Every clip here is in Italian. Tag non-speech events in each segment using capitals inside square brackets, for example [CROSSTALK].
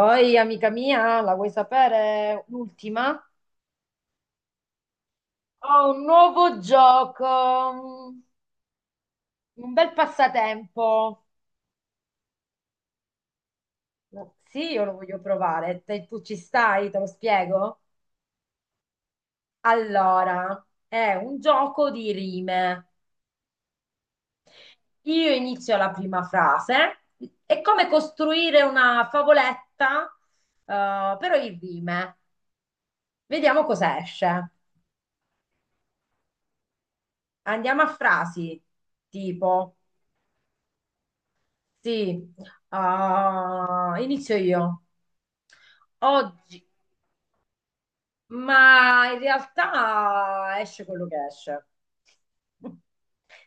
Oi, amica mia, la vuoi sapere l'ultima? Ho un nuovo gioco, un un bel passatempo. Sì, io lo voglio provare. Tu ci stai? Te lo spiego? Allora, è un gioco di rime. Io inizio la prima frase. È come costruire una favoletta, però in rime. Vediamo cosa esce. Andiamo a frasi tipo. Sì, ah, inizio io. Oggi, ma in realtà esce quello che esce. [LAUGHS]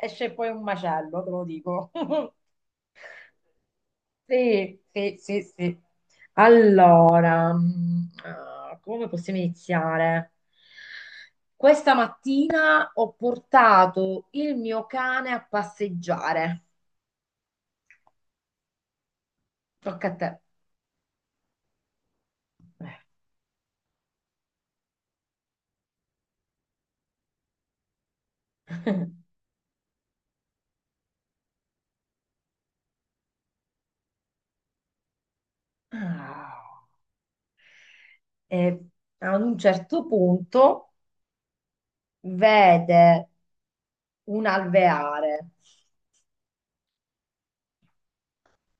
Esce poi un macello, te lo dico. [LAUGHS] Sì, sì, sì, sì. Allora, ah, come possiamo iniziare? Questa mattina ho portato il mio cane a passeggiare. Tocca a te. Eh. Ah. E ad un certo punto vede un alveare.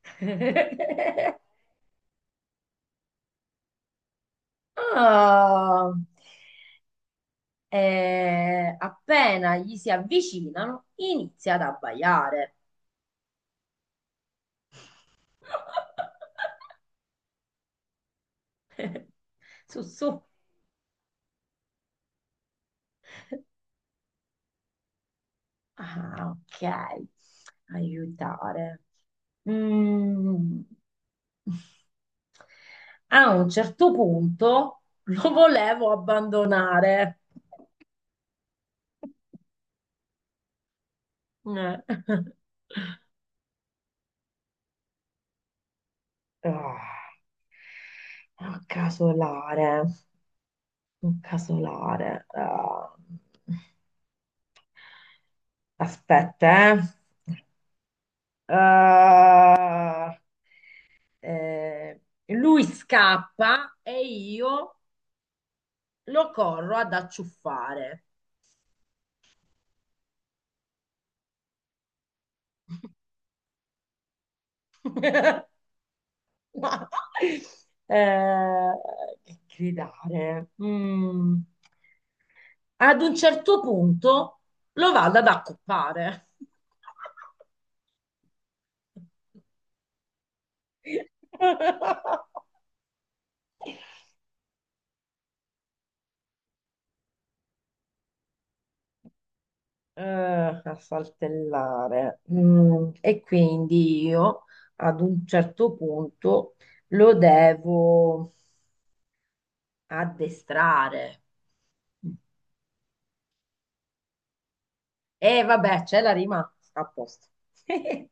[LAUGHS] Ah, appena gli si avvicinano, inizia ad abbaiare. [LAUGHS] Su, su. Ah, ok. Aiutare. Mm. A un certo punto lo volevo abbandonare. Eh. Ah. Ah, casolare, un casolare. Ah, aspetta, eh. Ah, eh, lui scappa e io lo corro ad acciuffare. [LAUGHS] Ma, eh, che gridare. Mm. Ad un certo punto lo vado ad accoppare. [LAUGHS] Eh, a saltellare. Mm, e quindi io ad un certo punto lo devo addestrare. E vabbè, c'è la rima, sta a posto. [LAUGHS]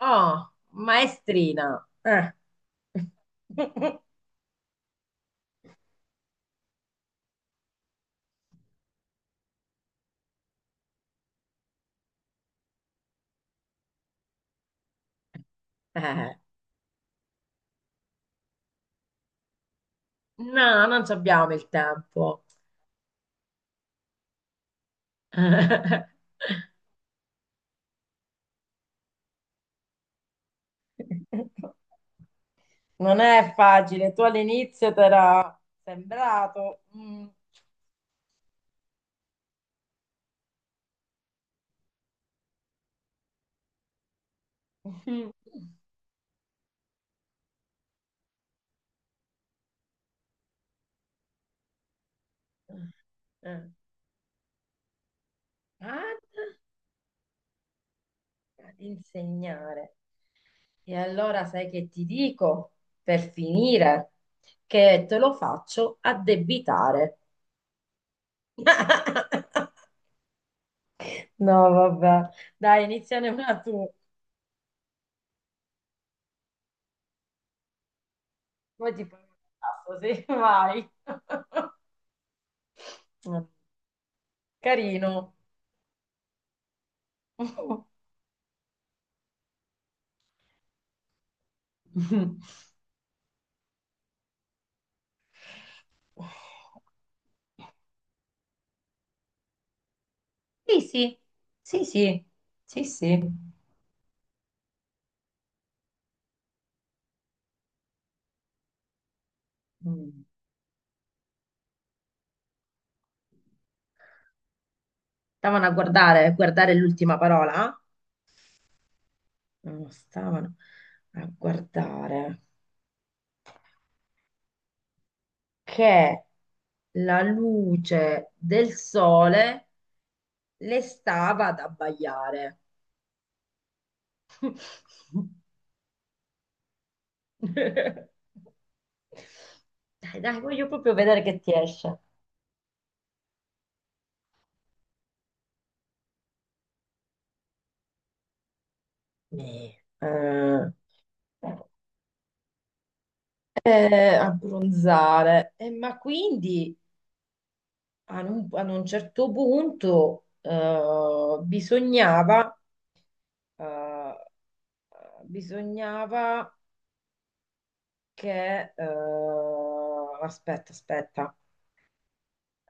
Oh, maestrina. [LAUGHS] Eh, no, non ci abbiamo il tempo. [LAUGHS] Non è facile, tu all'inizio ti era sembrato. Mm. Mm. Eh, ad, ad insegnare. E allora sai che ti dico per finire che te lo faccio addebitare. [LAUGHS] No, vabbè. Dai, iniziane una tu. Poi ti prendo il tasto, sì, vai. Carino. [LAUGHS] Sì, sì, sì, sì, sì, sì. Mm. Stavano a guardare, guardare l'ultima parola. Non stavano a guardare che la luce del sole le stava ad abbagliare. [LAUGHS] Dai, dai, voglio proprio vedere che ti esce. Eh, abbronzare. Ma quindi ad un certo punto bisognava, eh, bisognava che... aspetta.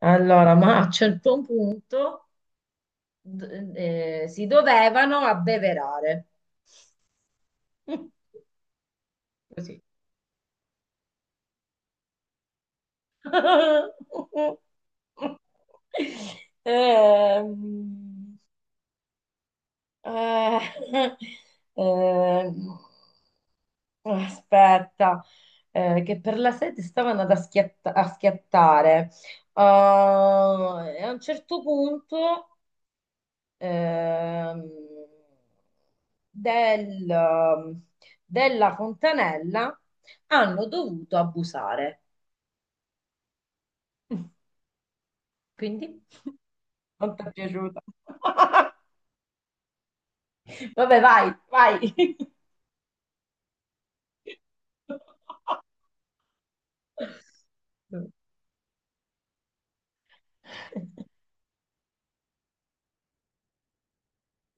Allora, ma a un certo punto si dovevano abbeverare. [LAUGHS] Così. [LAUGHS] Ehm, eh, ehm, aspetta, che per la sete stavano a schiattare. Ah, e a un certo punto ehm, del- della Fontanella hanno dovuto abusare. Quindi non ti è piaciuta. [LAUGHS] Vabbè, vai, vai.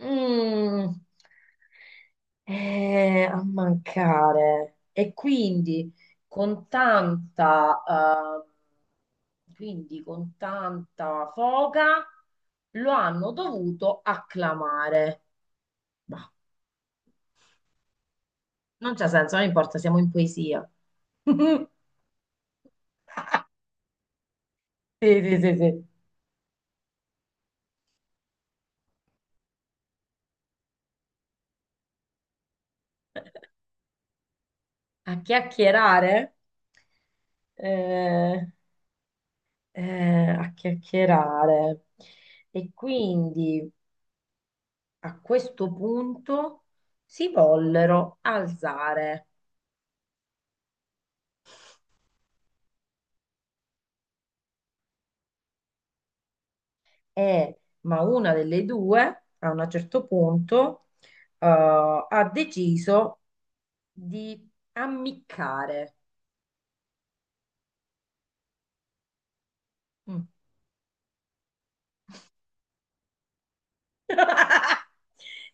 Mm. A mancare. E con tanta ehm, quindi con tanta foga lo hanno dovuto acclamare. Ma non c'è senso, non importa, siamo in poesia. [LAUGHS] Sì, sì, sì, sì. A chiacchierare? Eh, a chiacchierare. E quindi a questo punto si vollero alzare. E, ma una delle due, a un certo punto, ha deciso di ammiccare. Mm. [LAUGHS]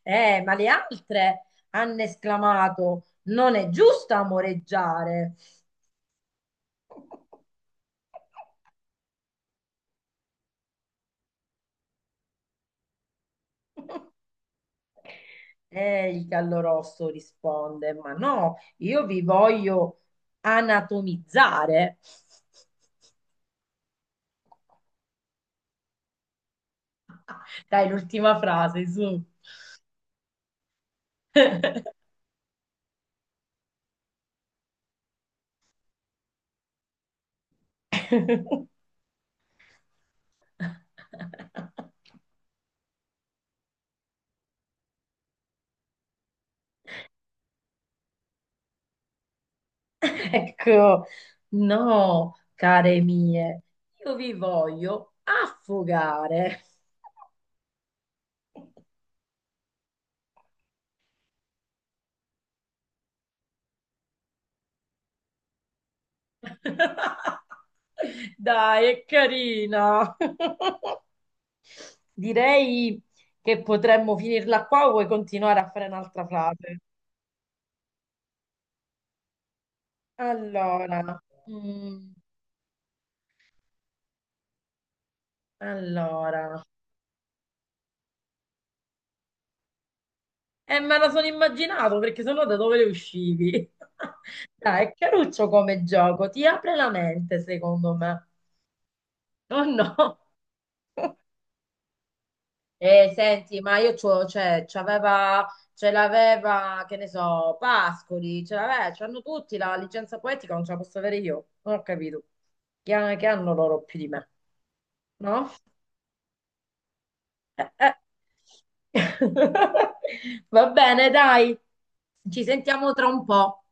Ma le altre hanno esclamato: non è giusto amoreggiare. E il gallo rosso risponde: ma no, io vi voglio anatomizzare. [LAUGHS] Dai, l'ultima frase, su. [LAUGHS] Ecco, no, care mie, io vi voglio affogare. [LAUGHS] Dai, è carina. [LAUGHS] Direi che potremmo finirla qua o vuoi continuare a fare un'altra frase? Allora, mm, allora. Me la sono immaginato perché sennò da dove le uscivi? [LAUGHS] Dai, è caruccio come gioco, ti apre la mente, secondo me. Oh no. Senti, ma io c'ho, cioè, ce l'aveva, che ne so, Pascoli, ce l'aveva, c'hanno tutti la licenza poetica, non ce la posso avere io, non ho capito. Che, che hanno loro più di me, no? Eh. [LAUGHS] Va bene, dai, ci sentiamo tra un po'.